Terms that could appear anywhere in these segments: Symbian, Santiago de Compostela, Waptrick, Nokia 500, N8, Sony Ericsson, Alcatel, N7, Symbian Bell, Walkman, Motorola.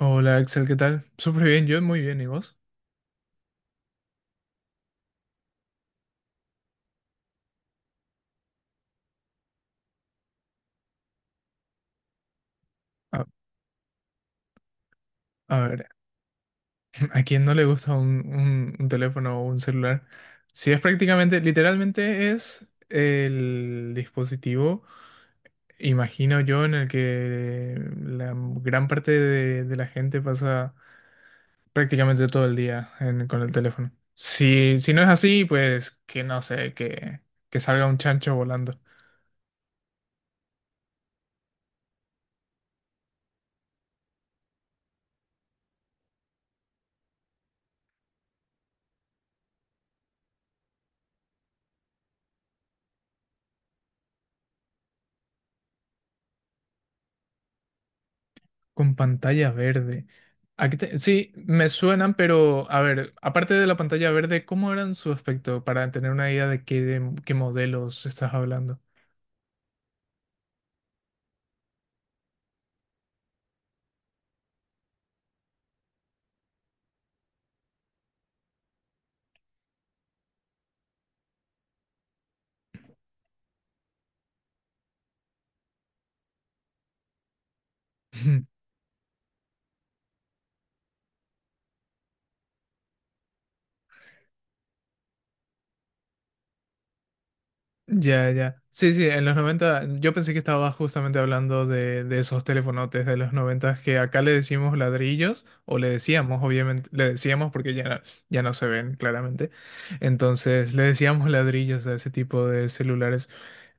Hola Axel, ¿qué tal? Súper bien, yo muy bien, ¿y vos? A, a ver, ¿a quién no le gusta un teléfono o un celular? Si es prácticamente, literalmente es el dispositivo, imagino yo, en el que la gran parte de la gente pasa prácticamente todo el día con el teléfono. Si no es así, pues que no sé, que salga un chancho volando. Con pantalla verde. Sí, me suenan, pero a ver, aparte de la pantalla verde, ¿cómo eran su aspecto para tener una idea de qué modelos estás hablando? Ya, ya. Sí, sí, en los 90, yo pensé que estaba justamente hablando de esos telefonotes de los 90 que acá le decimos ladrillos, o le decíamos, obviamente, le decíamos porque ya no, ya no se ven claramente. Entonces, le decíamos ladrillos a ese tipo de celulares.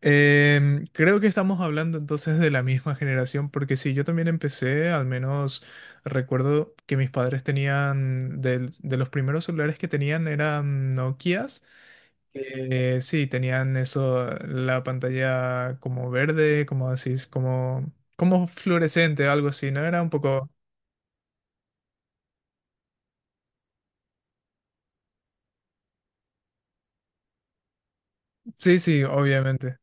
Creo que estamos hablando entonces de la misma generación, porque sí, yo también empecé, al menos recuerdo que mis padres tenían, los primeros celulares que tenían eran Nokias. Sí, tenían eso, la pantalla como verde, como decís, como fluorescente, algo así, ¿no? Era un poco... Sí, sí, obviamente.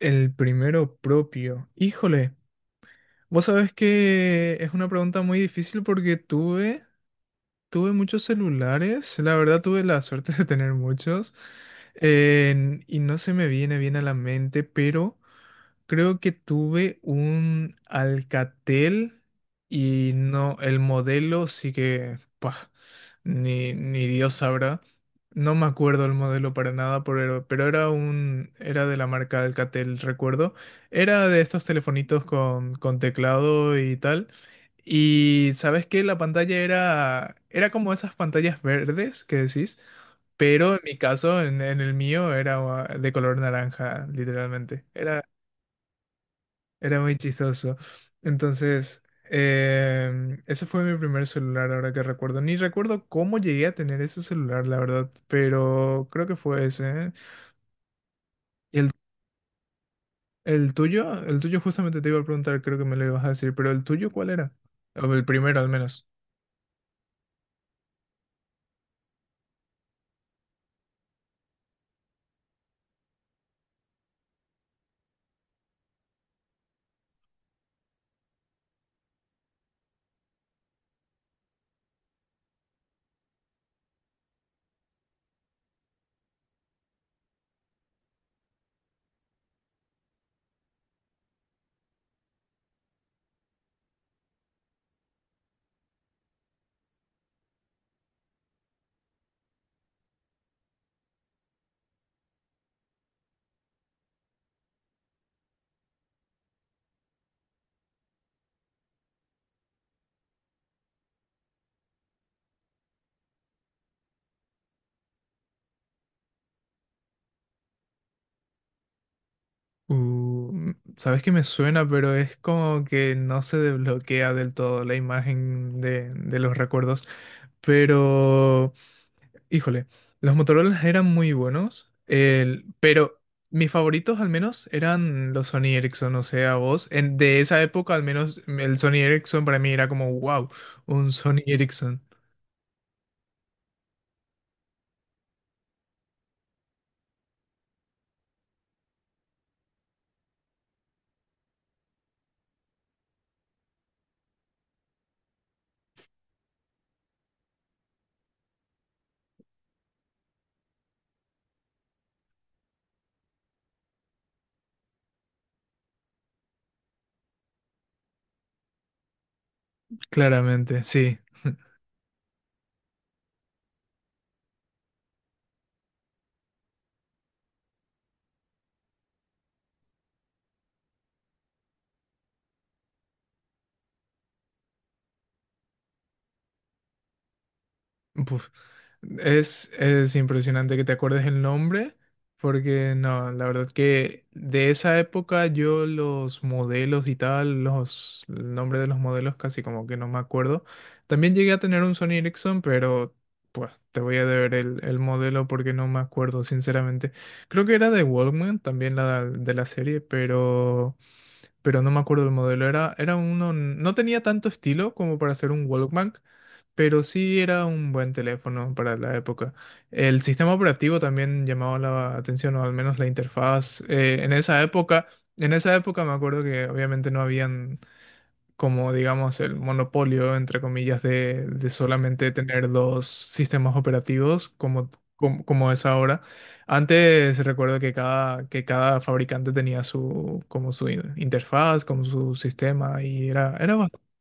El primero propio. Híjole, vos sabés que es una pregunta muy difícil porque tuve muchos celulares, la verdad tuve la suerte de tener muchos, y no se me viene bien a la mente, pero... Creo que tuve un Alcatel y no, el modelo sí que, pah, ni Dios sabrá. No me acuerdo el modelo para nada, pero era de la marca Alcatel, recuerdo. Era de estos telefonitos con teclado y tal. Y sabes que la pantalla era como esas pantallas verdes que decís, pero en mi caso, en el mío, era de color naranja, literalmente. Era muy chistoso. Entonces, ese fue mi primer celular, ahora que recuerdo. Ni recuerdo cómo llegué a tener ese celular, la verdad, pero creo que fue ese, ¿eh? ¿Y el tuyo? El tuyo justamente te iba a preguntar, creo que me lo ibas a decir, pero ¿el tuyo cuál era? O el primero al menos. Sabes que me suena, pero es como que no se desbloquea del todo la imagen de los recuerdos. Pero... Híjole, los Motorola eran muy buenos, pero mis favoritos al menos eran los Sony Ericsson, o sea, vos, de esa época al menos el Sony Ericsson para mí era como, wow, un Sony Ericsson, claramente, sí. Buf, es impresionante que te acuerdes el nombre, porque no, la verdad que de esa época yo los modelos y tal, el nombre de los modelos casi como que no me acuerdo. También llegué a tener un Sony Ericsson, pero pues te voy a deber el modelo porque no me acuerdo, sinceramente. Creo que era de Walkman, también la de la serie, pero no me acuerdo el modelo. Era uno, no tenía tanto estilo como para ser un Walkman, pero sí era un buen teléfono para la época. El sistema operativo también llamaba la atención, o al menos la interfaz. En esa época, me acuerdo que obviamente no habían como digamos el monopolio, entre comillas, de solamente tener dos sistemas operativos como es ahora. Antes recuerdo que cada fabricante tenía su, como su interfaz, como su sistema y era bastante...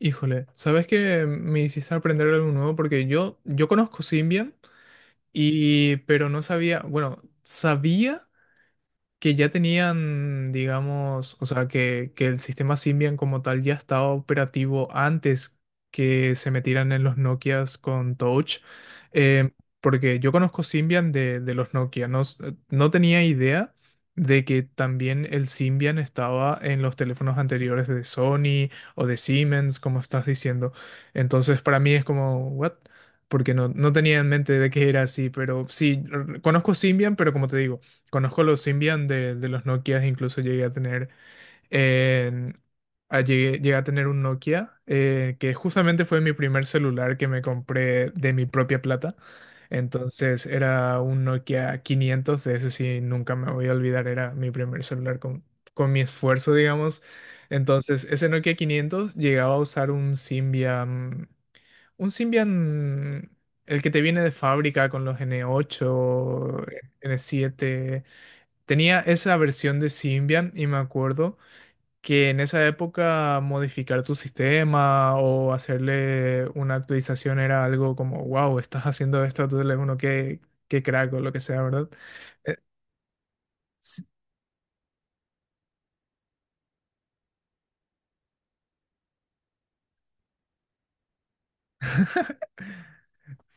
Híjole, ¿sabes qué? Me hiciste aprender algo nuevo porque yo conozco Symbian, pero no sabía, bueno, sabía que ya tenían, digamos, o sea, que el sistema Symbian como tal ya estaba operativo antes que se metieran en los Nokias con Touch, eh, porque yo conozco Symbian de los Nokia, no, no tenía idea de que también el Symbian estaba en los teléfonos anteriores de Sony o de Siemens, como estás diciendo. Entonces, para mí es como, ¿what? Porque no, no tenía en mente de que era así, pero sí, conozco Symbian, pero como te digo, conozco los Symbian de los Nokias, incluso en- llegué a tener un Nokia, que justamente fue mi primer celular que me compré de mi propia plata. Entonces era un Nokia 500, de ese sí nunca me voy a olvidar, era mi primer celular con mi esfuerzo, digamos. Entonces ese Nokia 500 llegaba a usar un Symbian, el que te viene de fábrica con los N8, N7. Tenía esa versión de Symbian y me acuerdo que en esa época modificar tu sistema o hacerle una actualización era algo como, wow, estás haciendo esto a tu teléfono, qué crack o lo que sea, ¿verdad? Eh, s-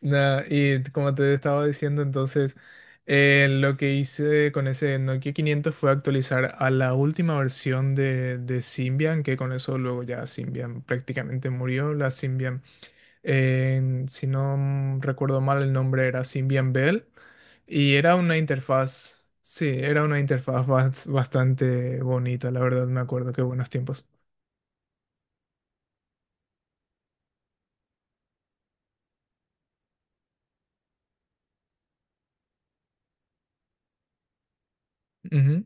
y como te estaba diciendo, entonces lo que hice con ese Nokia 500 fue actualizar a la última versión de Symbian, que con eso luego ya Symbian prácticamente murió, la Symbian. Si no recuerdo mal, el nombre era Symbian Bell y era una interfaz, sí, era una interfaz bastante bonita, la verdad, me acuerdo, qué buenos tiempos. Ujú,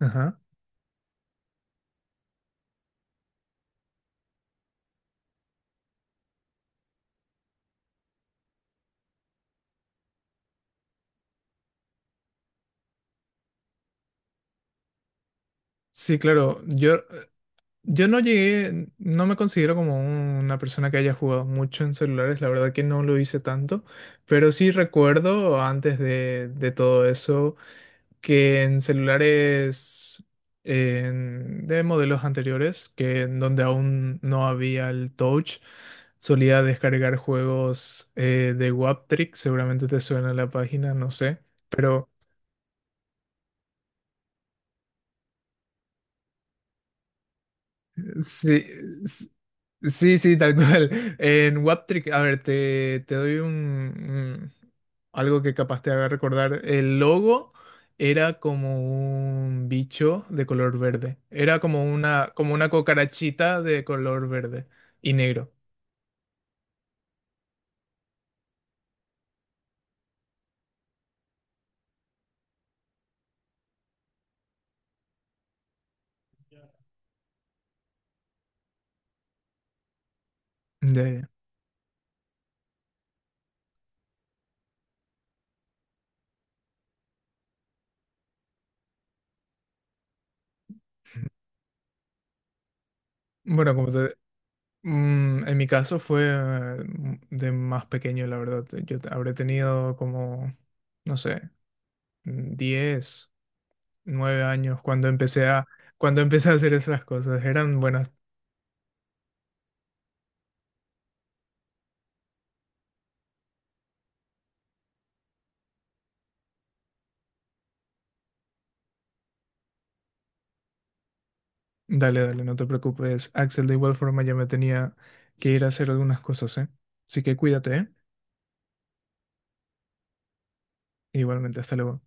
ajá. Sí, claro, yo no llegué, no me considero como una persona que haya jugado mucho en celulares, la verdad que no lo hice tanto, pero sí recuerdo antes de todo eso. Que en celulares de modelos anteriores, que en donde aún no había el touch, solía descargar juegos de Waptrick, seguramente te suena la página, no sé, pero sí. Sí, sí, tal cual. En Waptrick, a ver, te doy algo que capaz te haga recordar. El logo era como un bicho de color verde. Era como como una cucarachita de color verde y negro. De, bueno, como te, mm, En mi caso fue de más pequeño, la verdad. Yo habré tenido como, no sé, 10 9 años cuando empecé a hacer esas cosas. Eran buenas. Dale, dale, no te preocupes. Axel, de igual forma ya me tenía que ir a hacer algunas cosas, ¿eh? Así que cuídate, ¿eh? Igualmente, hasta luego.